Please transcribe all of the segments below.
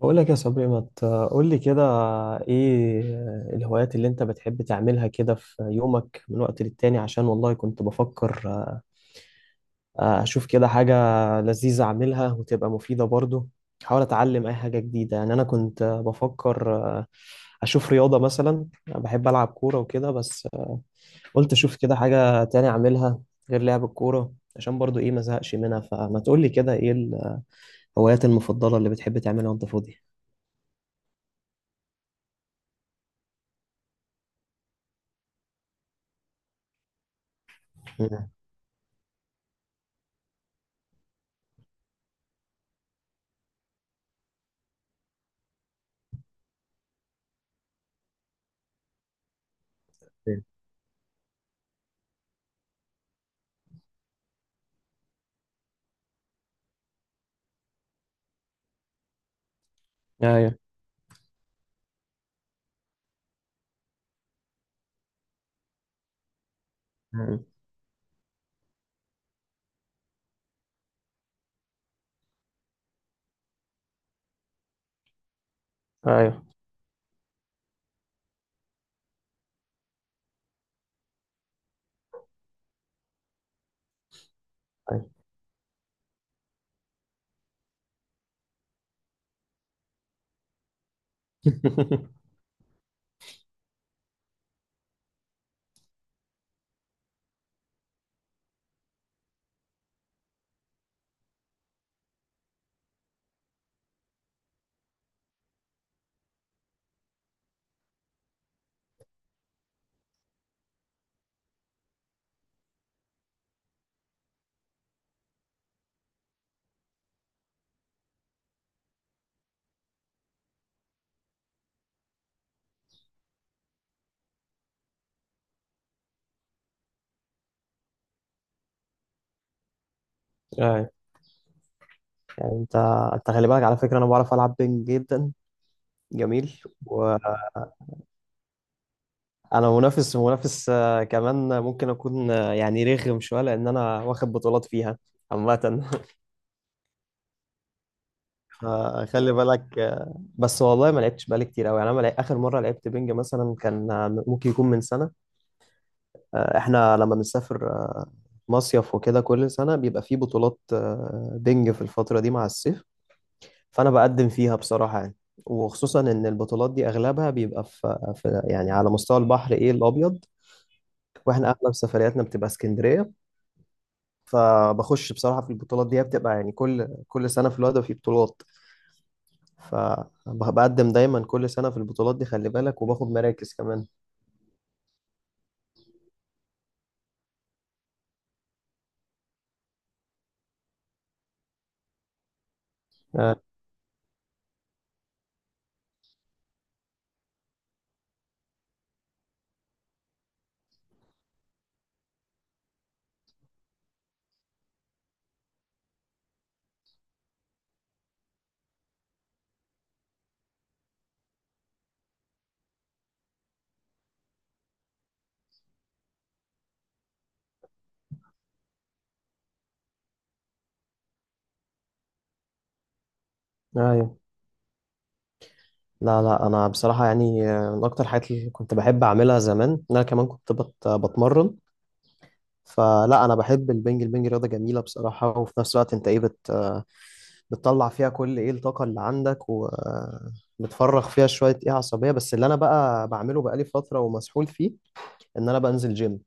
بقول لك يا صبري، ما تقول لي كده ايه الهوايات اللي انت بتحب تعملها كده في يومك من وقت للتاني؟ عشان والله كنت بفكر اشوف كده حاجة لذيذة اعملها وتبقى مفيدة برضو. احاول اتعلم اي حاجة جديدة. يعني انا كنت بفكر اشوف رياضة مثلا. أنا بحب العب كورة وكده، بس قلت اشوف كده حاجة تاني اعملها غير لعب الكورة، عشان برضو ايه ما زهقش منها. فما تقول لي كده ايه الهوايات المفضلة اللي بتحب تعملها وانت فاضي؟ مم. ايوه، ايوه، ايوه. ايوه. يعني انت خلي بالك على فكره انا بعرف العب بينج جدا. جميل. وانا منافس منافس، كمان ممكن اكون يعني رخم شويه، لان انا واخد بطولات فيها عامه. فخلي بالك. بس والله ما لعبتش بقالي كتير قوي. يعني انا ما لعب- اخر مره لعبت بينج مثلا كان ممكن يكون من سنه. احنا لما بنسافر مصيف وكده، كل سنه بيبقى فيه بطولات بينج في الفتره دي مع الصيف. فانا بقدم فيها بصراحه يعني. وخصوصا ان البطولات دي اغلبها بيبقى في يعني على مستوى البحر ايه الابيض. واحنا اغلب سفرياتنا بتبقى اسكندريه. فبخش بصراحه في البطولات دي، هي بتبقى يعني كل سنه في الوادي في بطولات. فبقدم دايما كل سنه في البطولات دي خلي بالك، وباخد مراكز كمان. آه. ايوه. لا، لا، انا بصراحه يعني من اكتر الحاجات اللي كنت بحب اعملها زمان إن انا كمان كنت بتمرن. فلا، انا بحب البنج. البنج رياضه جميله بصراحه، وفي نفس الوقت انت ايه بتطلع فيها كل ايه الطاقة اللي عندك، وبتفرغ فيها شوية ايه عصبية. بس اللي انا بقى بعمله بقالي فترة ومسحول فيه ان انا بنزل جيم.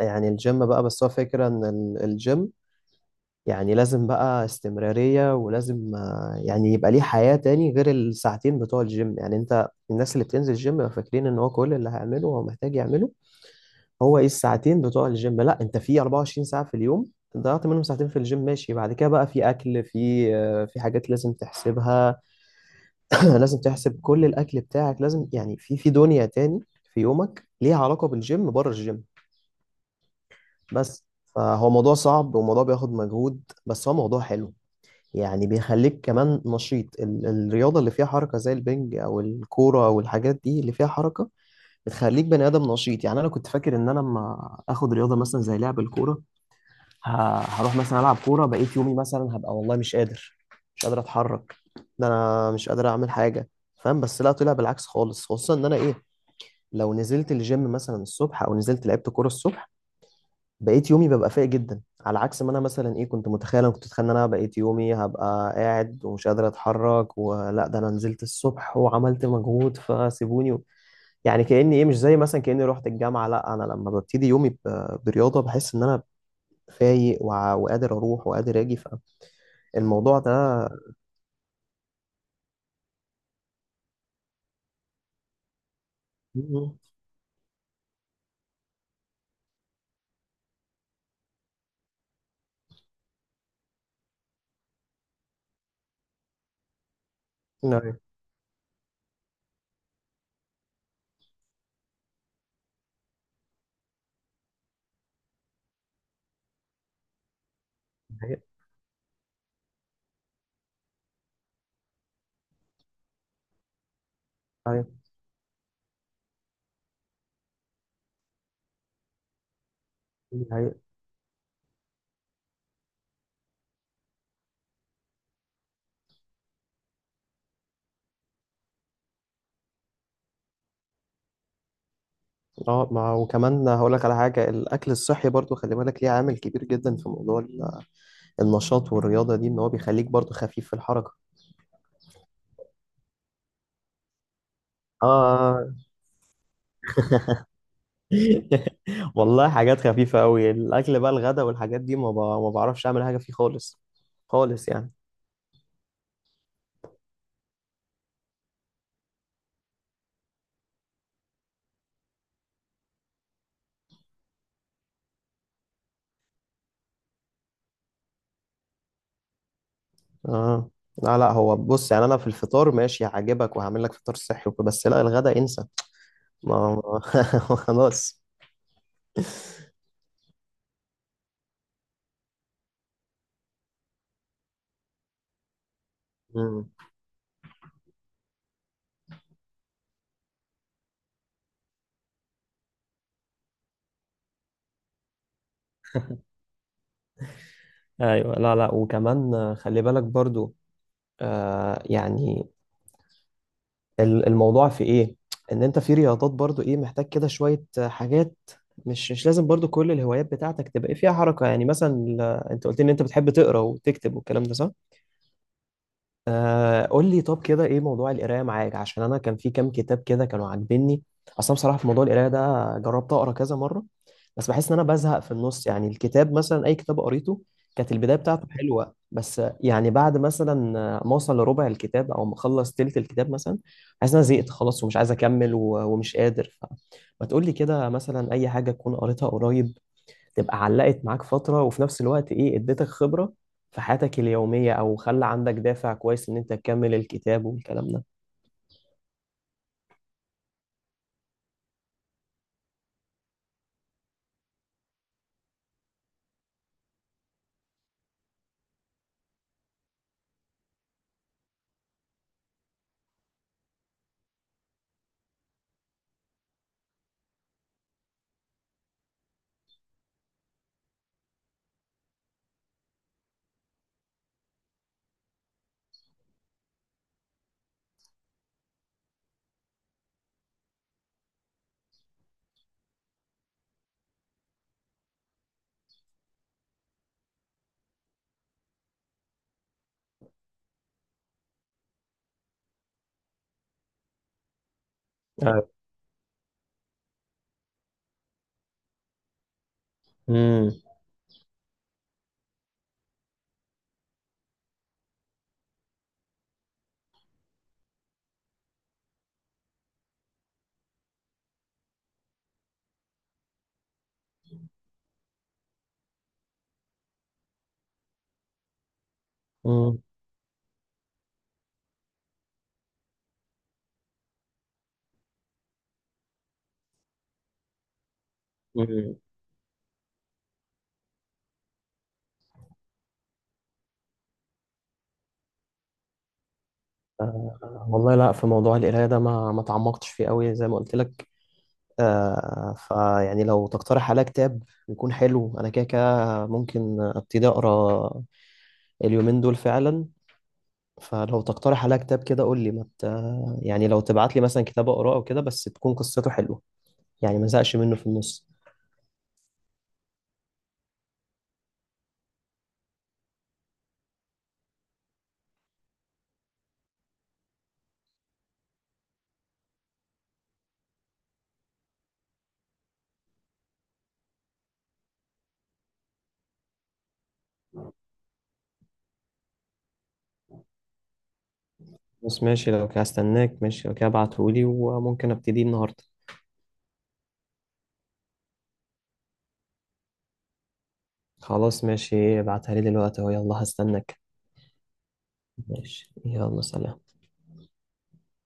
يعني الجيم بقى، بس هو فكرة ان الجيم يعني لازم بقى استمرارية، ولازم يعني يبقى ليه حياة تاني غير الساعتين بتوع الجيم. يعني انت، الناس اللي بتنزل الجيم بيبقوا فاكرين ان هو كل اللي هيعمله هو محتاج يعمله هو ايه الساعتين بتوع الجيم. لا، انت في 24 ساعة في اليوم. ضيعت منهم ساعتين في الجيم ماشي، بعد كده بقى في اكل، في في حاجات لازم تحسبها. لازم تحسب كل الاكل بتاعك، لازم يعني في دنيا تاني في يومك ليها علاقه بالجيم بره الجيم بس. فهو موضوع صعب وموضوع بياخد مجهود، بس هو موضوع حلو. يعني بيخليك كمان نشيط. الرياضه اللي فيها حركه زي البنج او الكوره او الحاجات دي اللي فيها حركه بتخليك بني ادم نشيط. يعني انا كنت فاكر ان انا لما اخد رياضه مثلا زي لعب الكوره، هروح مثلا العب كوره بقيت يومي مثلا هبقى والله مش قادر، مش قادر اتحرك. ده انا مش قادر اعمل حاجه فاهم. بس لا، طلع بالعكس خالص، خصوصا ان انا ايه لو نزلت الجيم مثلا الصبح او نزلت لعبت كوره الصبح، بقيت يومي ببقى فايق جدا على عكس ما انا مثلا ايه كنت متخيل. انا كنت اتخيل ان انا بقيت يومي هبقى قاعد ومش قادر اتحرك، ولا ده انا نزلت الصبح وعملت مجهود فسيبوني. يعني كاني ايه مش زي مثلا كاني رحت الجامعه. لا، انا لما ببتدي يومي برياضه بحس ان انا فايق، وقادر اروح وقادر اجي. فالموضوع ده. مم. نعم. نعم. نعم. نعم. اه. ما وكمان هقول لك على حاجه، الاكل الصحي برضو خلي بالك ليه عامل كبير جدا في موضوع النشاط والرياضه دي، ان هو بيخليك برضو خفيف في الحركه. اه. والله حاجات خفيفه قوي. الاكل بقى الغدا والحاجات دي ما بعرفش اعمل حاجه فيه خالص، خالص يعني. اه. لا، لا، هو بص يعني انا في الفطار ماشي هعجبك وهعمل لك فطار صحي وكده، بس لا الغدا انسى. ما ما- خلاص. مم. ايوه. لا، لا، وكمان خلي بالك برضو. يعني الموضوع في ايه ان انت في رياضات برضو ايه محتاج كده شوية حاجات. مش لازم برضو كل الهوايات بتاعتك تبقى إيه فيها حركة. يعني مثلا انت قلت لي ان انت بتحب تقرا وتكتب والكلام ده، صح؟ قول لي طب كده ايه موضوع القرايه معاك، عشان انا كان في كام كتاب كده كانوا عاجبني. اصلا بصراحه في موضوع القرايه ده جربت اقرا كذا مره، بس بحس ان انا بزهق في النص. يعني الكتاب مثلا، اي كتاب قريته كانت البدايه بتاعته حلوه، بس يعني بعد مثلا ما اوصل لربع الكتاب او ما اخلص تلت الكتاب مثلا، حاسس ان انا زهقت خلاص ومش عايز اكمل ومش قادر. فما تقول لي كده مثلا اي حاجه تكون قريتها قريب تبقى علقت معاك فترة، وفي نفس الوقت ايه اديتك خبرة في حياتك اليومية، او خلى عندك دافع كويس ان انت تكمل الكتاب والكلام ده. أيوة. امم امم امم والله لا، في موضوع القراية ده ما تعمقتش فيه قوي زي ما قلت لك. فيعني لو تقترح عليا كتاب يكون حلو، انا كده كده ممكن ابتدي اقرا اليومين دول فعلا. فلو تقترح عليا كتاب كده قول لي. ما مت... يعني لو تبعت لي مثلا كتاب اقراه او كده، بس تكون قصته حلوه، يعني ما زهقش منه في النص. خلاص، ماشي، لو كده هستناك. ماشي، لو كده ابعتهولي وممكن ابتدي النهارده. خلاص ماشي، ابعتها لي دلوقتي اهو، يلا هستناك. ماشي، يلا سلام.